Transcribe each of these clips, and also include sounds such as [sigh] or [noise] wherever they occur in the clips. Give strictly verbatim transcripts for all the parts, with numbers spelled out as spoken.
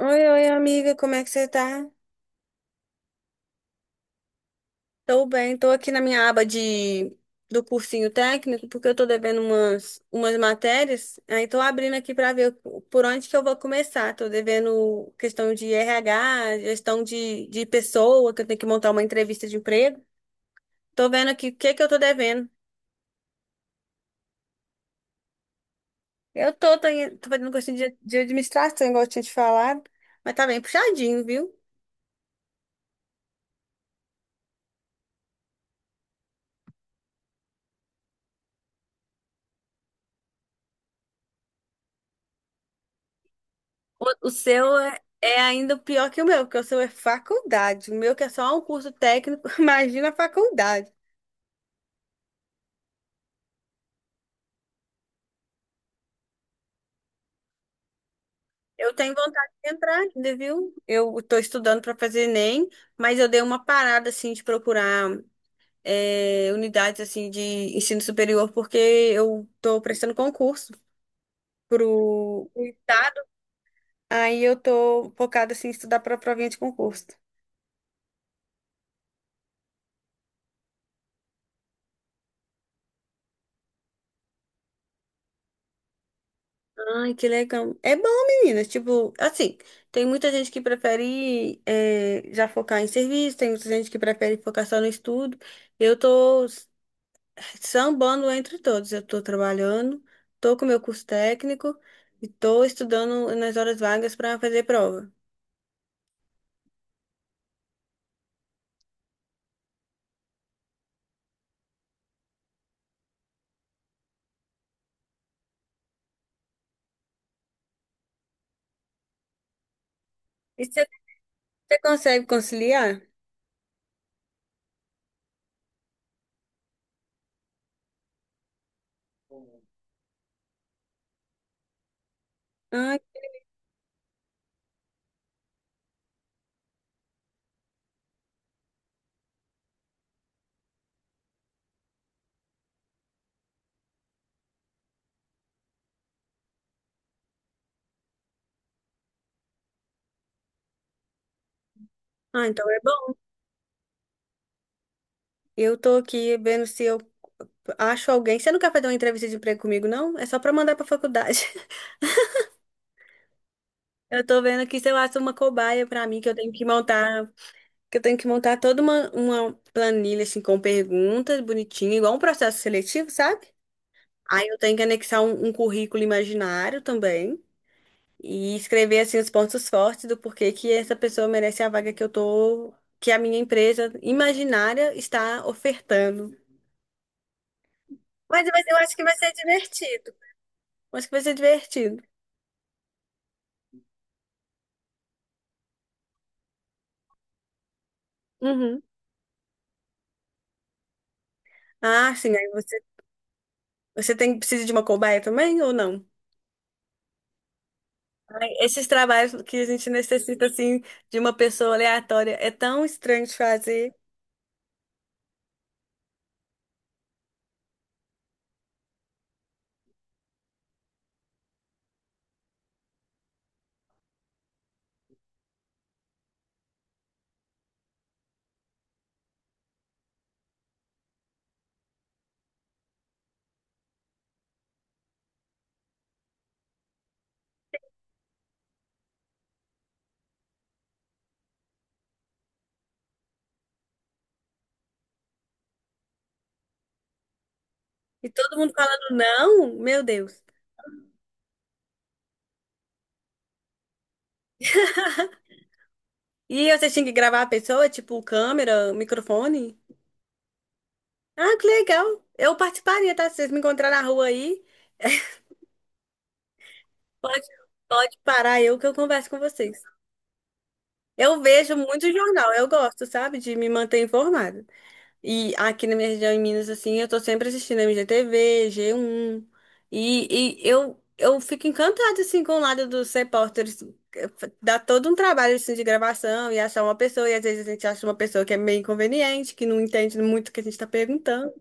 Oi, oi, amiga, como é que você tá? Tô bem, tô aqui na minha aba de do cursinho técnico, porque eu tô devendo umas, umas matérias, aí tô abrindo aqui pra ver por onde que eu vou começar. Tô devendo questão de R H, gestão de, de pessoa, que eu tenho que montar uma entrevista de emprego. Tô vendo aqui o que que eu tô devendo. Eu tô, tô, em- tô fazendo cursinho de, de administração, igual eu tinha te falado, mas tá bem puxadinho, viu? O, o seu é, é ainda pior que o meu, porque o seu é faculdade. O meu que é só um curso técnico, [laughs] imagina a faculdade. Eu tenho vontade de entrar ainda, viu? Eu estou estudando para fazer Enem, mas eu dei uma parada, assim, de procurar é, unidades, assim, de ensino superior, porque eu estou prestando concurso pro o estado. Aí eu estou focada, assim, em estudar para a provinha de concurso. Ai, que legal. É bom, meninas. Tipo, assim, tem muita gente que prefere eh, já focar em serviço, tem muita gente que prefere focar só no estudo. Eu tô s- Sambando entre todos. Eu tô trabalhando, tô com meu curso técnico e tô estudando nas horas vagas para fazer prova. E você você consegue conciliar? Ai, ah, então é bom. Eu tô aqui vendo se eu acho alguém. Você não quer fazer uma entrevista de emprego comigo, não? É só para mandar para faculdade. Eu tô vendo aqui se eu acho uma cobaia pra mim, que eu tenho que montar, que eu tenho que montar toda uma, uma planilha assim com perguntas bonitinha, igual um processo seletivo, sabe? Aí eu tenho que anexar um, um currículo imaginário também e escrever assim os pontos fortes do porquê que essa pessoa merece a vaga que eu tô, que a minha empresa imaginária está ofertando. Mas vai- eu acho que vai ser divertido. Eu acho que vai ser divertido. Uhum. Ah, sim, aí você, você tem, precisa de uma cobaia também ou não? Esses trabalhos que a gente necessita, assim, de uma pessoa aleatória, é tão estranho de fazer. E todo mundo falando não, meu Deus. E você tinha que gravar a pessoa, tipo, câmera, microfone? Ah, que legal. Eu participaria, tá? Se vocês me encontrarem na rua aí, pode, pode parar eu que eu converso com vocês. Eu vejo muito jornal, eu gosto, sabe, de me manter informada. E aqui na minha região em Minas, assim, eu tô sempre assistindo M G T V, G um. E, e eu, eu fico encantada, assim, com o lado dos repórteres. eh, fa- Dá todo um trabalho, assim, de gravação e achar uma pessoa. E às vezes a gente acha uma pessoa que é meio inconveniente, que não entende muito o que a gente tá perguntando.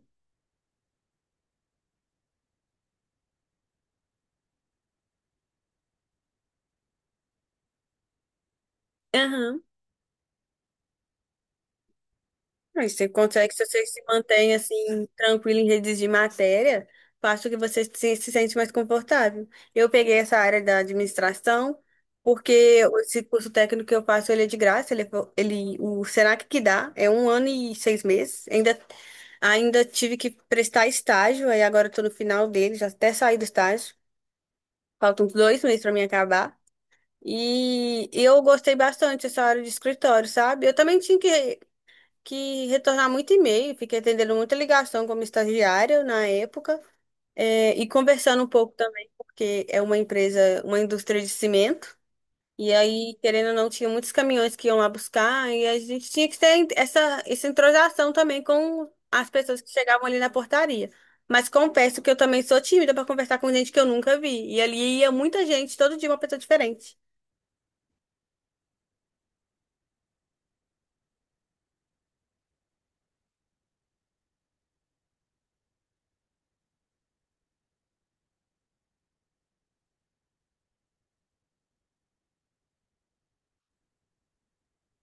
Aí você consegue, se você se mantém assim, tranquilo em redes de matéria, faço que você se, se sente mais confortável. Eu peguei essa área da administração, porque esse curso técnico que eu faço, ele é de graça, ele, é fo- ele, o Senac que dá, é um ano e seis meses. Ainda, ainda tive que prestar estágio, aí agora eu tô no final dele, já até saí do estágio. Faltam uns dois meses para mim acabar. E eu gostei bastante dessa área de escritório, sabe? Eu também tinha que que retornar muito e-mail, fiquei atendendo muita ligação como estagiária na época, é, e conversando um pouco também, porque é uma empresa, uma indústria de cimento, e aí, querendo ou não, tinha muitos caminhões que iam lá buscar, e a gente tinha que ter essa, essa entrosação também com as pessoas que chegavam ali na portaria. Mas confesso que eu também sou tímida para conversar com gente que eu nunca vi, e ali ia muita gente, todo dia uma pessoa diferente.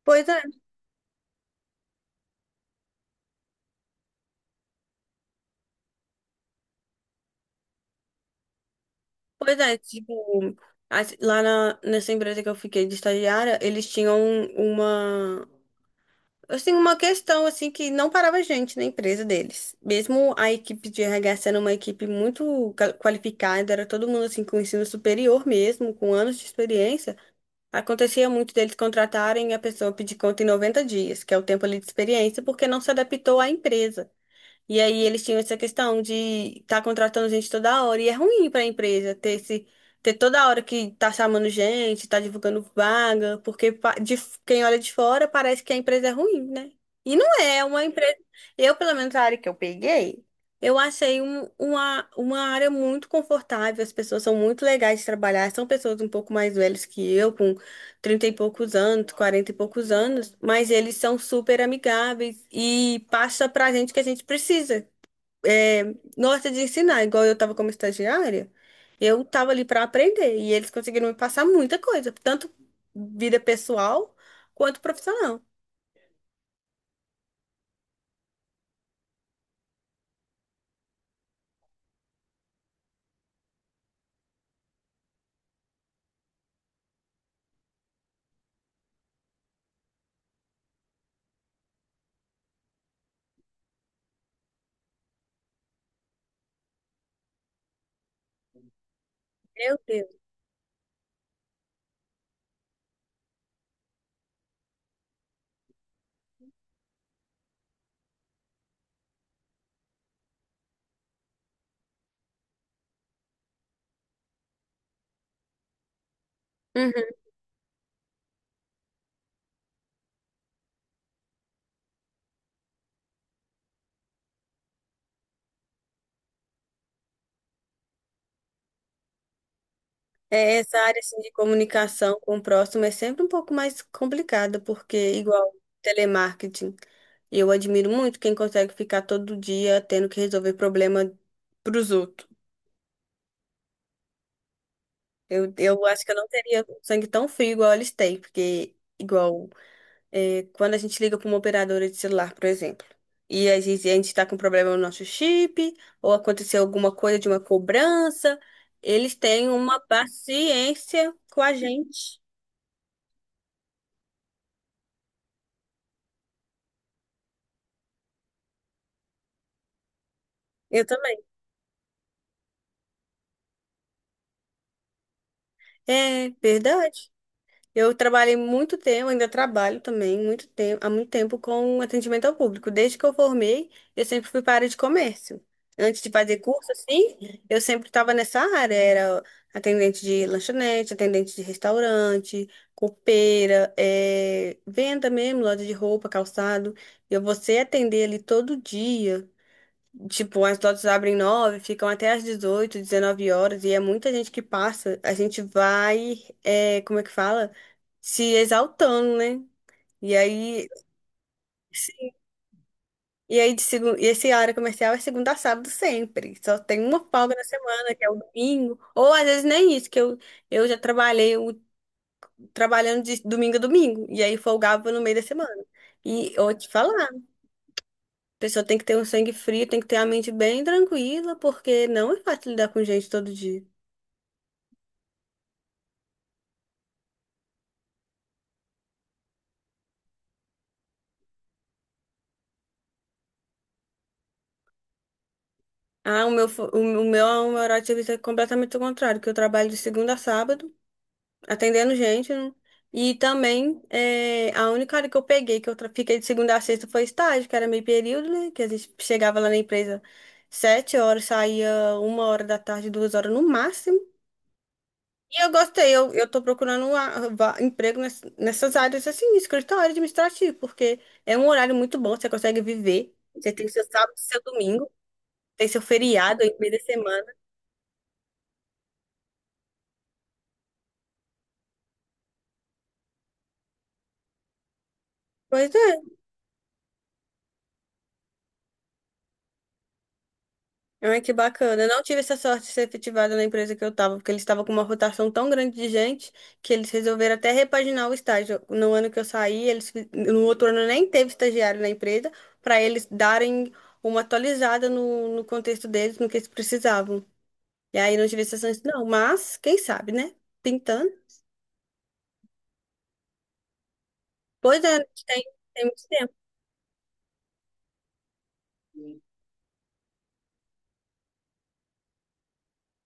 Pois é. Pois é, tipo, as- lá na, nessa empresa que eu fiquei de estagiária, eles tinham uma, assim, uma questão, assim, que não parava gente na empresa deles. Mesmo a equipe de R H sendo uma equipe muito ca- qualificada, era todo mundo, assim, com ensino superior mesmo, com anos de experiência, acontecia muito deles contratarem e a pessoa pedir conta em noventa dias, que é o tempo ali de experiência, porque não se adaptou à empresa. E aí eles tinham essa questão de estar contratando gente toda hora. E é ruim para a empresa ter esse, ter toda hora que tá chamando gente, tá divulgando vaga, porque pa- de, f- quem olha de fora parece que a empresa é ruim, né? E não é é uma empresa. Eu, pelo menos a área que eu peguei, eu achei um- uma, uma área muito confortável. As pessoas são muito legais de trabalhar, são pessoas um pouco mais velhas que eu, trinta e poucos anos, quarenta e poucos anos, mas eles são super amigáveis e passa pra gente o que a gente precisa. É, gosta de ensinar, igual eu tava como estagiária, eu tava ali para aprender e eles conseguiram me passar muita coisa, tanto vida pessoal quanto profissional. Meu Deus. É, essa área assim, de comunicação com o próximo é sempre um pouco mais complicada, porque, igual telemarketing, eu admiro muito quem consegue ficar todo dia tendo que resolver problema pros outros. Eu, eu acho que eu não teria um sangue tão frio igual eles têm, porque, igual, é, quando a gente liga para uma operadora de celular, por exemplo, e a gente, a gente tá com problema no nosso chip, ou aconteceu alguma coisa de uma cobrança, eles têm uma paciência com a gente. Eu também. É verdade. Eu trabalhei muito tempo, ainda trabalho também, muito tempo, há muito tempo com atendimento ao público. Desde que eu formei, eu sempre fui para a área de comércio. Antes de fazer curso, assim, eu sempre estava nessa área. Era atendente de lanchonete, atendente de restaurante, copeira, eh, venda mesmo, loja de roupa, calçado. E você atender ali todo dia. Tipo, as lojas abrem nove, ficam até às dezoito, dezenove horas, e é muita gente que passa. A gente vai, é, como é que fala? Se exaltando, né? E aí, e aí de segun- e esse área comercial é segunda a sábado sempre. Só tem uma folga na semana, que é o domingo. Ou às vezes nem isso, que eu, eu já trabalhei o- trabalhando de domingo a domingo. E aí folgava no meio da semana. E eu vou te falar, a pessoa tem que ter um sangue frio, tem que ter a mente bem tranquila, porque não é fácil lidar com gente todo dia. Ah, o meu, fo- o meu, o meu horário de serviço é completamente o contrário, que eu trabalho de segunda a sábado, atendendo gente, né? E também, é, a única hora que eu peguei, que eu tra- fiquei de segunda a sexta, foi estágio, que era meio período, né? Que a gente chegava lá na empresa sete horas, saía uma hora da tarde, duas horas no máximo. E eu gostei, eu, eu tô procurando um a- va- emprego ness- nessas áreas, assim, escritório administrativo, porque é um horário muito bom, você consegue viver, você tem seu sábado, seu domingo, tem seu feriado aí no meio da semana. Pois é. Ai, que bacana. Eu não tive essa sorte de ser efetivada na empresa que eu estava, porque eles estavam com uma rotação tão grande de gente que eles resolveram até repaginar o estágio. No ano que eu saí, eles fi- no outro ano nem teve estagiário na empresa para eles darem uma atualizada no, no contexto deles, no que eles precisavam. E aí não tive essa chance, não, mas quem sabe, né? Pintando. Pois é, tem, tem muito tempo.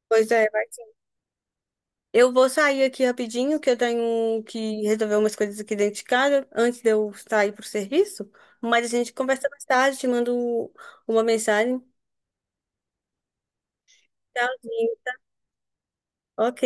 Pois é, vai. Eu vou sair aqui rapidinho, que eu tenho que resolver umas coisas aqui dentro de casa antes de eu sair pro serviço. Mas a gente conversa mais tarde, te mando uma mensagem. Tchauzinho. Ok.